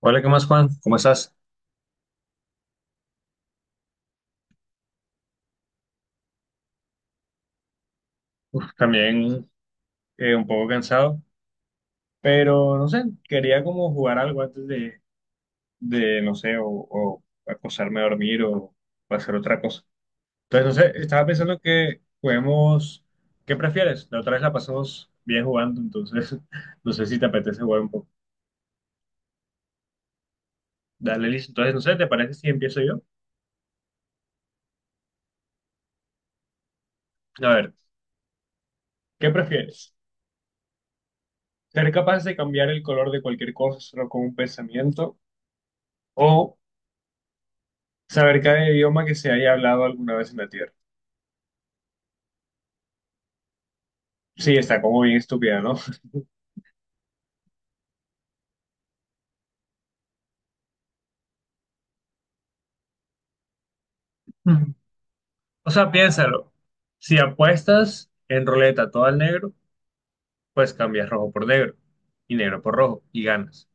Hola, ¿qué más, Juan? ¿Cómo estás? Uf, también un poco cansado, pero no sé, quería como jugar algo antes de no sé, o acostarme a dormir o hacer otra cosa. Entonces, no sé, estaba pensando que juguemos, ¿qué prefieres? La otra vez la pasamos bien jugando, entonces no sé si te apetece jugar un poco. Dale, listo. Entonces, no sé, ¿te parece si empiezo yo? A ver, ¿qué prefieres? ¿Ser capaz de cambiar el color de cualquier cosa solo con un pensamiento o saber cada idioma que se haya hablado alguna vez en la Tierra? Sí, está como bien estúpida, ¿no? Mm. O sea, piénsalo. Si apuestas en ruleta todo al negro, pues cambias rojo por negro y negro por rojo y ganas.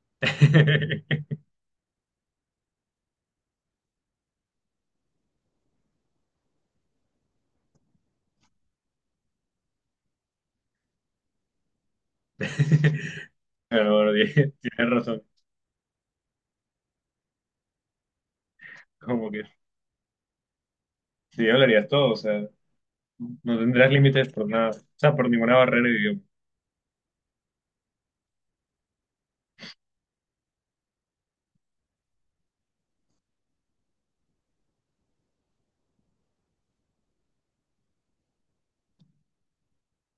Pero bueno, tienes razón. Como que sí hablarías todo, o sea, no tendrás límites por nada, o sea, por ninguna barrera de idioma.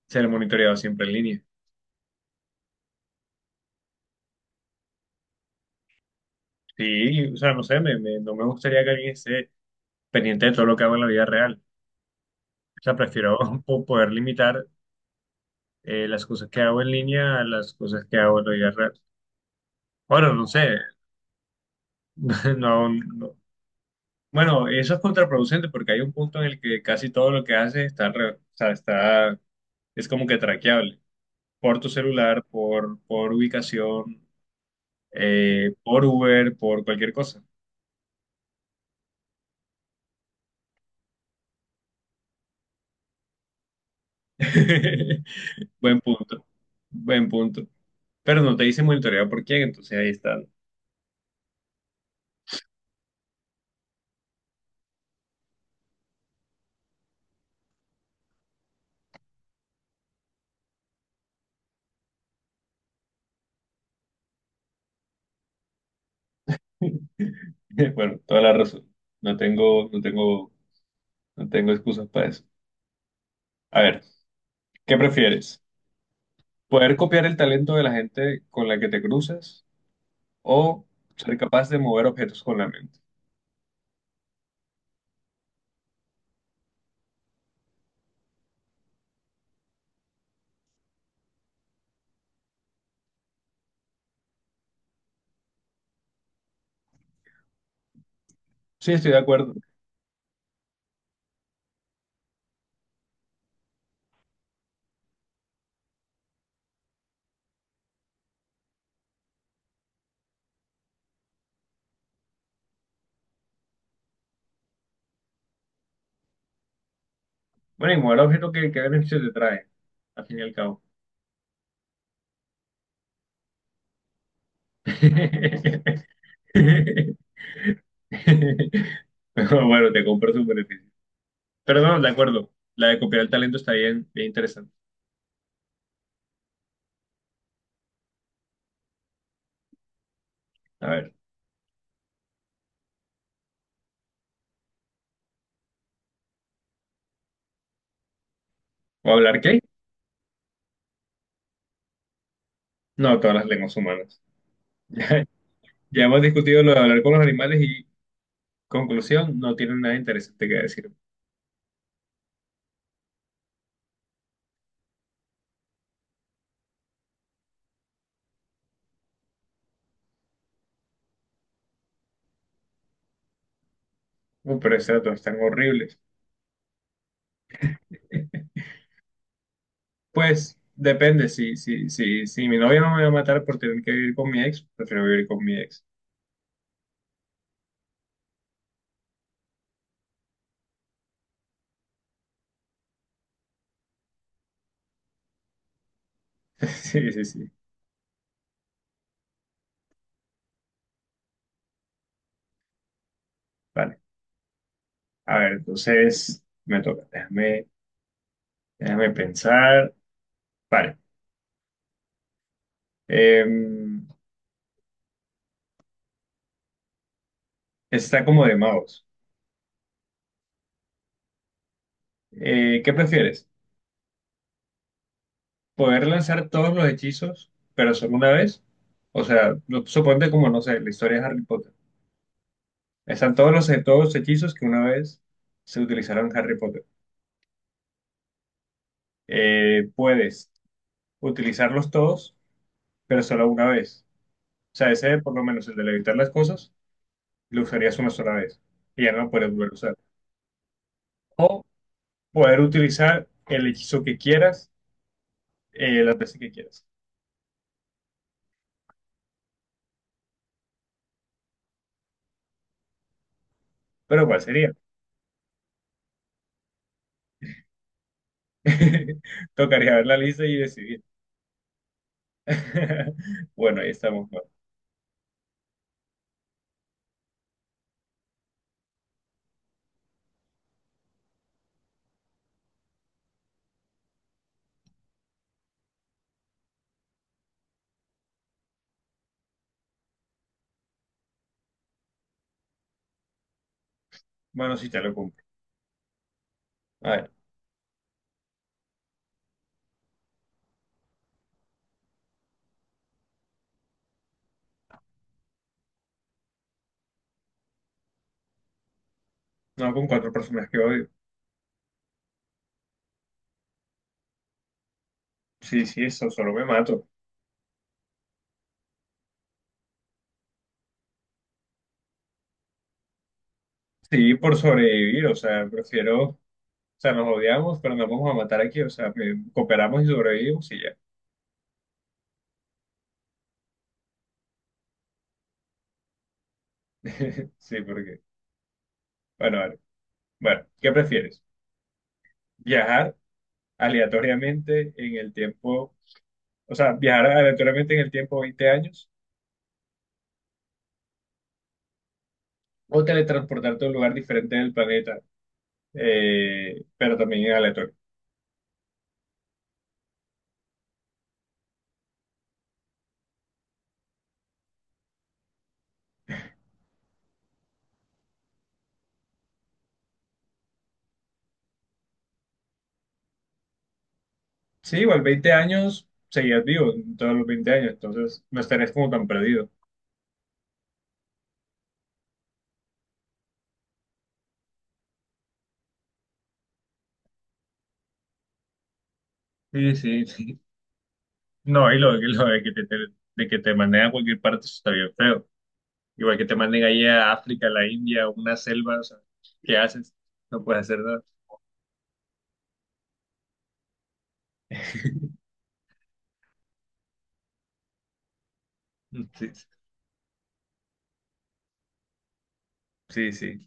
Ser monitoreado siempre en línea. Sí, o sea, no sé, no me gustaría que alguien esté pendiente de todo lo que hago en la vida real. O sea, prefiero poder limitar las cosas que hago en línea a las cosas que hago en la vida real. Bueno, no sé, no, no- bueno, eso es contraproducente porque hay un punto en el que casi todo lo que haces está, está, es como que traqueable por tu celular, por ubicación, por Uber, por cualquier cosa. Buen punto, buen punto. Pero no te dice monitoreado por quién, entonces ahí está. Bueno, toda la razón. No tengo, no tengo excusas para eso. A ver, ¿qué prefieres? ¿Poder copiar el talento de la gente con la que te cruzas o ser capaz de mover objetos con la mente? Sí, estoy de acuerdo. Bueno, y mover objetos, ¿qué beneficio te trae? Al fin y al cabo. Pero bueno, te compro su beneficio. Pero no, de acuerdo. La de copiar el talento está bien, bien interesante. A ver, ¿o hablar qué? No, todas las lenguas humanas. Ya, ya hemos discutido lo de hablar con los animales y conclusión, no tienen nada interesante que decir. Uh, pero esos datos están horribles. Pues depende, si mi novia no me va a matar por tener que vivir con mi ex, prefiero vivir con mi ex. Sí, sí, sí. Vale. A ver, entonces me toca. Déjame, déjame pensar. Vale. Em, está como de magos. ¿Qué prefieres? ¿Poder lanzar todos los hechizos, pero solo una vez? O sea, suponte como, no sé, la historia de Harry Potter. Están todos los hechizos que una vez se utilizaron en Harry Potter. Puedes utilizarlos todos, pero solo una vez. O sea, ese, por lo menos el de levitar las cosas, lo usarías una sola vez y ya no lo puedes volver a usar. O poder utilizar el hechizo que quieras, las veces que quieras. Pero ¿cuál sería? Tocaría ver la lista y decidir. Bueno, ahí estamos. Bueno, bueno, sí, te lo compro. A ver, no con cuatro personas que odio. Sí, sí, eso, solo me mato. Sí, por sobrevivir, o sea, o sea, nos odiamos, pero nos vamos a matar aquí, o sea, que cooperamos y sobrevivimos y ya. Sí, porque, bueno, vale. Bueno, ¿qué prefieres? ¿Viajar aleatoriamente en el tiempo, o sea, viajar aleatoriamente en el tiempo 20 años o teletransportarte a un lugar diferente del planeta, pero también en aleatorio? Sí, igual 20 años, seguías vivo en todos los 20 años, entonces no estarías como tan perdido. Sí, sí. No, y lo de que de que te manden a cualquier parte, eso está bien feo. Igual que te manden ahí a África, a la India, a una selva, o sea, ¿qué haces? No puedes hacer nada. Sí, sí, sí.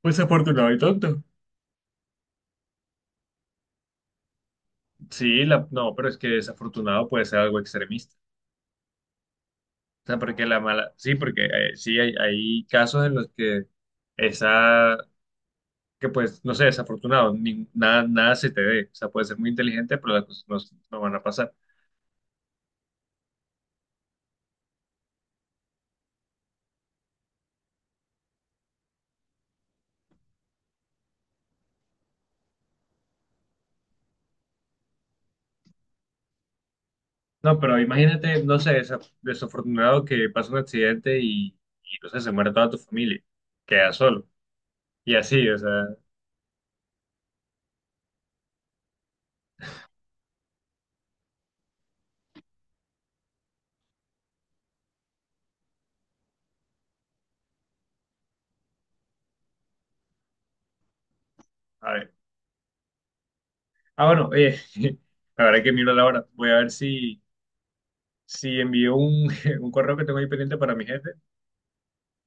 Pues afortunado y tonto. Sí, no, pero es que desafortunado puede ser algo extremista. O sea, porque la mala, sí, porque sí hay casos en los que esa, que pues, no sé, desafortunado, nada, nada se te dé. O sea, puede ser muy inteligente, pero las cosas no, no van a pasar. No, pero imagínate, no sé, desafortunado que pasa un accidente y no sé, se muere toda tu familia, queda solo. Y así, o sea, a ver. Ah, bueno, oye, la verdad que miro la hora. Voy a ver si, si envío un, un correo que tengo ahí pendiente para mi jefe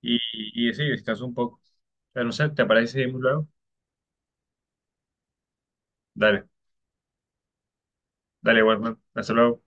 y, y, sí, descanso un poco. Pero no sé, ¿te parece si seguimos luego? Dale, dale, Warman. Hasta luego.